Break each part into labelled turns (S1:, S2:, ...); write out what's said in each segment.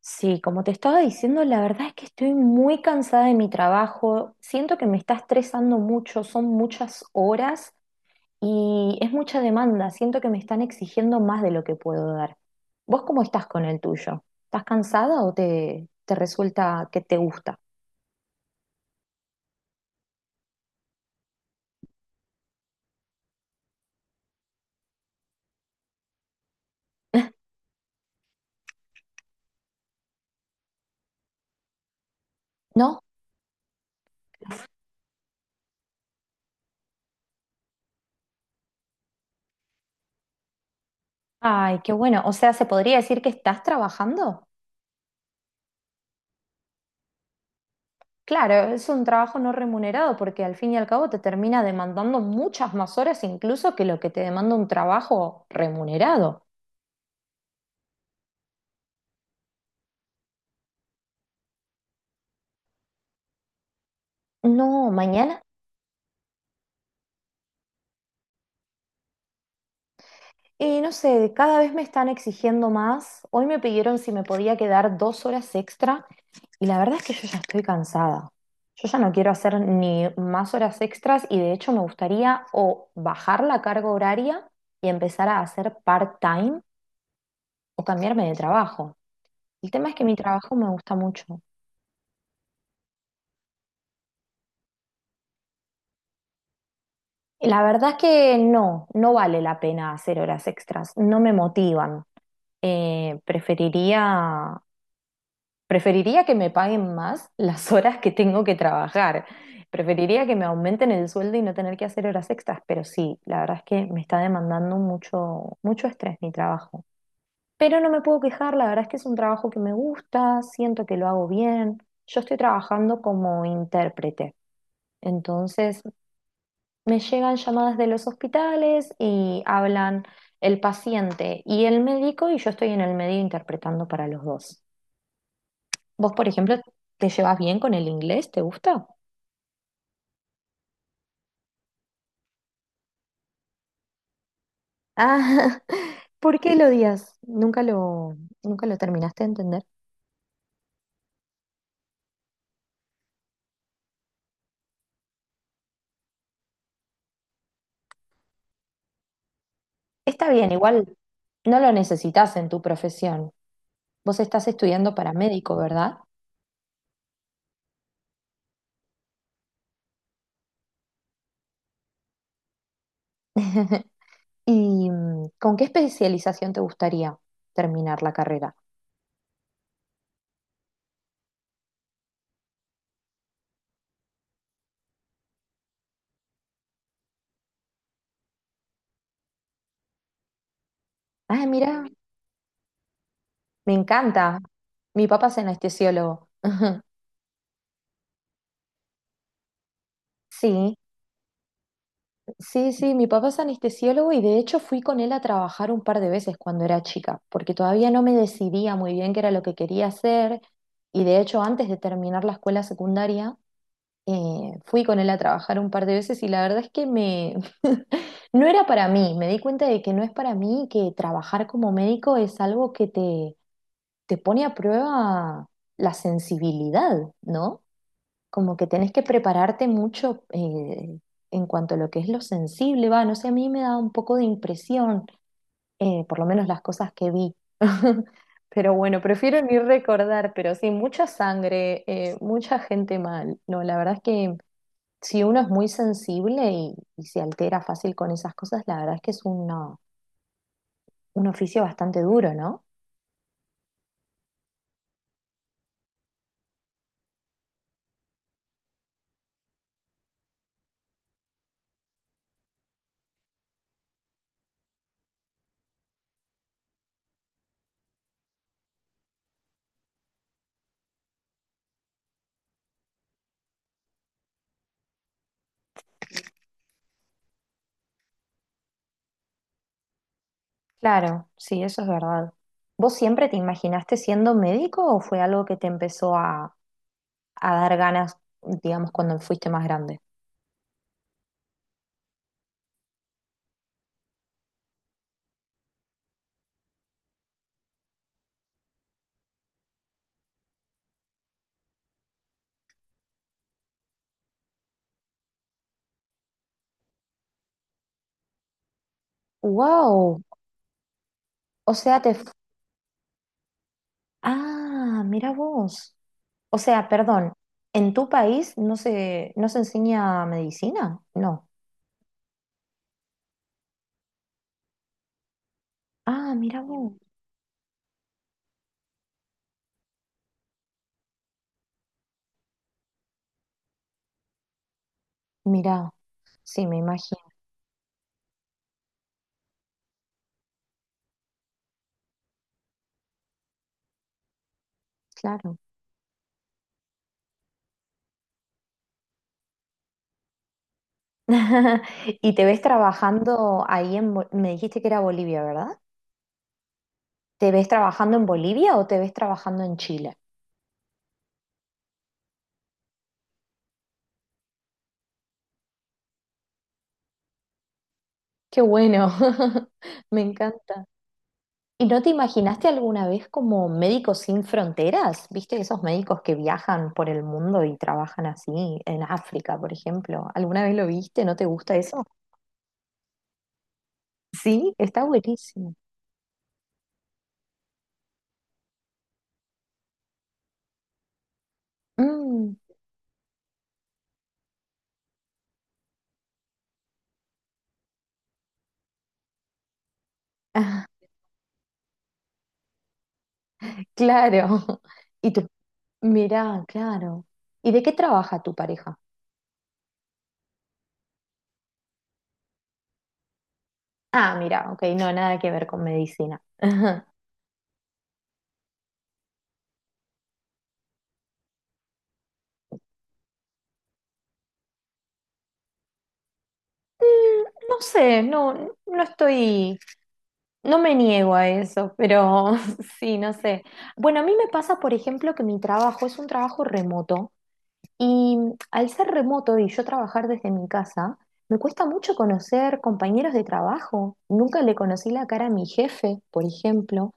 S1: Sí, como te estaba diciendo, la verdad es que estoy muy cansada de mi trabajo, siento que me está estresando mucho, son muchas horas y es mucha demanda, siento que me están exigiendo más de lo que puedo dar. ¿Vos cómo estás con el tuyo? ¿Estás cansada o te resulta que te gusta? ¿No? Ay, qué bueno, o sea, ¿se podría decir que estás trabajando? Claro, es un trabajo no remunerado porque al fin y al cabo te termina demandando muchas más horas incluso que lo que te demanda un trabajo remunerado. No, mañana, no sé, cada vez me están exigiendo más. Hoy me pidieron si me podía quedar dos horas extra y la verdad es que yo ya estoy cansada. Yo ya no quiero hacer ni más horas extras y de hecho me gustaría o bajar la carga horaria y empezar a hacer part-time o cambiarme de trabajo. El tema es que mi trabajo me gusta mucho. Y la verdad es que no, no vale la pena hacer horas extras, no me motivan. Eh, preferiría Preferiría que me paguen más las horas que tengo que trabajar. Preferiría que me aumenten el sueldo y no tener que hacer horas extras, pero sí, la verdad es que me está demandando mucho, mucho estrés mi trabajo. Pero no me puedo quejar, la verdad es que es un trabajo que me gusta, siento que lo hago bien. Yo estoy trabajando como intérprete, entonces me llegan llamadas de los hospitales y hablan el paciente y el médico y yo estoy en el medio interpretando para los dos. Vos, por ejemplo, ¿te llevas bien con el inglés? ¿Te gusta? Ah, ¿por qué lo odias? Nunca lo terminaste de entender. Está bien, igual no lo necesitas en tu profesión. Vos estás estudiando para médico, ¿verdad? ¿Y con qué especialización te gustaría terminar la carrera? Ah, mira, me encanta. Mi papá es anestesiólogo. Sí, sí, sí, mi papá es anestesiólogo y de hecho fui con él a trabajar un par de veces cuando era chica, porque todavía no me decidía muy bien qué era lo que quería hacer y de hecho antes de terminar la escuela secundaria fui con él a trabajar un par de veces y la verdad es que me no era para mí, me di cuenta de que no es para mí, que trabajar como médico es algo que te pone a prueba la sensibilidad, ¿no? Como que tenés que prepararte mucho en cuanto a lo que es lo sensible, va, no sé, a mí me da un poco de impresión, por lo menos las cosas que vi. Pero bueno, prefiero ni recordar, pero sí, mucha sangre, mucha gente mal. No, la verdad es que si uno es muy sensible y se altera fácil con esas cosas, la verdad es que es una- un oficio bastante duro, ¿no? Claro, sí, eso es verdad. ¿Vos siempre te imaginaste siendo médico o fue algo que te empezó a dar ganas, digamos, cuando fuiste más grande? Wow, o sea, te... fu- Ah, mira vos. O sea, perdón, ¿en tu país no se enseña medicina? No. Ah, mira vos. Mira, sí, me imagino, claro. ¿Y te ves trabajando ahí en... Bo- me dijiste que era Bolivia, ¿verdad? ¿Te ves trabajando en Bolivia o te ves trabajando en Chile? Qué bueno, me encanta. ¿Y no te imaginaste alguna vez como Médicos Sin Fronteras? ¿Viste esos médicos que viajan por el mundo y trabajan así en África, por ejemplo? ¿Alguna vez lo viste? ¿No te gusta eso? Sí, está buenísimo. Mm, claro. Y tú, mirá, claro. ¿Y de qué trabaja tu pareja? Ah, mira, ok, no, nada que ver con medicina. Mm, no sé, no estoy, no me niego a eso, pero sí, no sé. Bueno, a mí me pasa, por ejemplo, que mi trabajo es un trabajo remoto y al ser remoto y yo trabajar desde mi casa, me cuesta mucho conocer compañeros de trabajo. Nunca le conocí la cara a mi jefe, por ejemplo.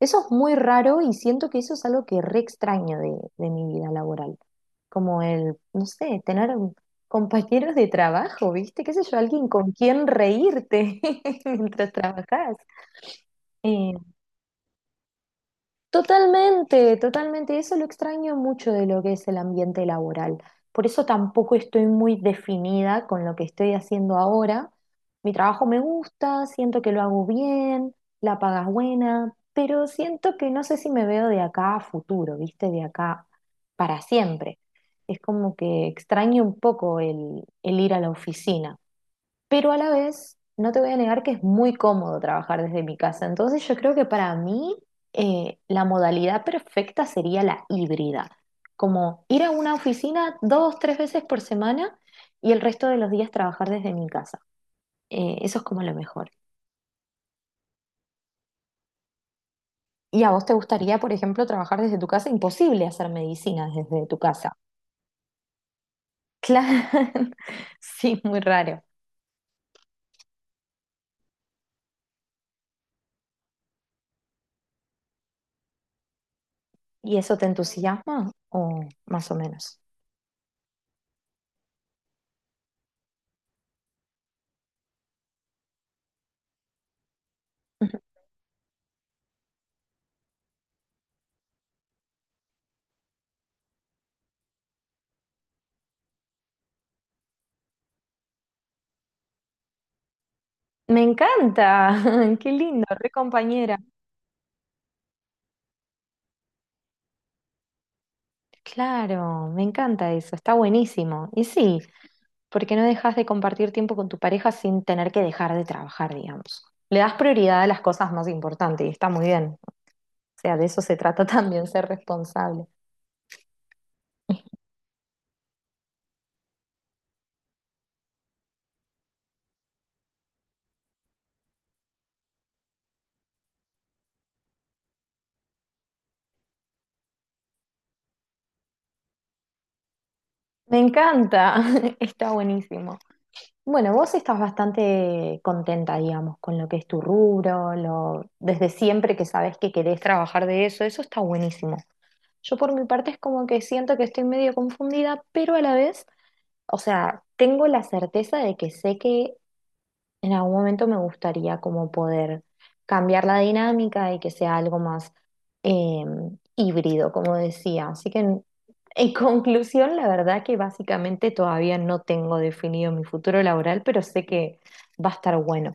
S1: Eso es muy raro y siento que eso es algo que re extraño de mi vida laboral. Como el, no sé, tener un- compañeros de trabajo, ¿viste? ¿Qué sé yo? Alguien con quien reírte mientras trabajas. Eh, Totalmente, totalmente. Eso lo extraño mucho de lo que es el ambiente laboral. Por eso tampoco estoy muy definida con lo que estoy haciendo ahora. Mi trabajo me gusta, siento que lo hago bien, la paga es buena, pero siento que no sé si me veo de acá a futuro, ¿viste? De acá para siempre. Es como que extraño un poco el ir a la oficina, pero a la vez no te voy a negar que es muy cómodo trabajar desde mi casa. Entonces yo creo que para mí la modalidad perfecta sería la híbrida, como ir a una oficina dos, tres veces por semana y el resto de los días trabajar desde mi casa. Eso es como lo mejor. ¿Y a vos te gustaría, por ejemplo, trabajar desde tu casa? Imposible hacer medicina desde tu casa. Claro, sí, muy raro. ¿Y eso te entusiasma o más o menos? Me encanta, qué lindo, re compañera. Claro, me encanta eso, está buenísimo. Y sí, porque no dejas de compartir tiempo con tu pareja sin tener que dejar de trabajar, digamos. Le das prioridad a las cosas más importantes y está muy bien. O sea, de eso se trata también, ser responsable. Me encanta, está buenísimo. Bueno, vos estás bastante contenta, digamos, con lo que es tu rubro, lo, desde siempre que sabes que querés trabajar de eso, eso está buenísimo. Yo por mi parte es como que siento que estoy medio confundida, pero a la vez, o sea, tengo la certeza de que sé que en algún momento me gustaría como poder cambiar la dinámica y que sea algo más eh, híbrido, como decía. Así que en conclusión, la verdad que básicamente todavía no tengo definido mi futuro laboral, pero sé que va a estar bueno.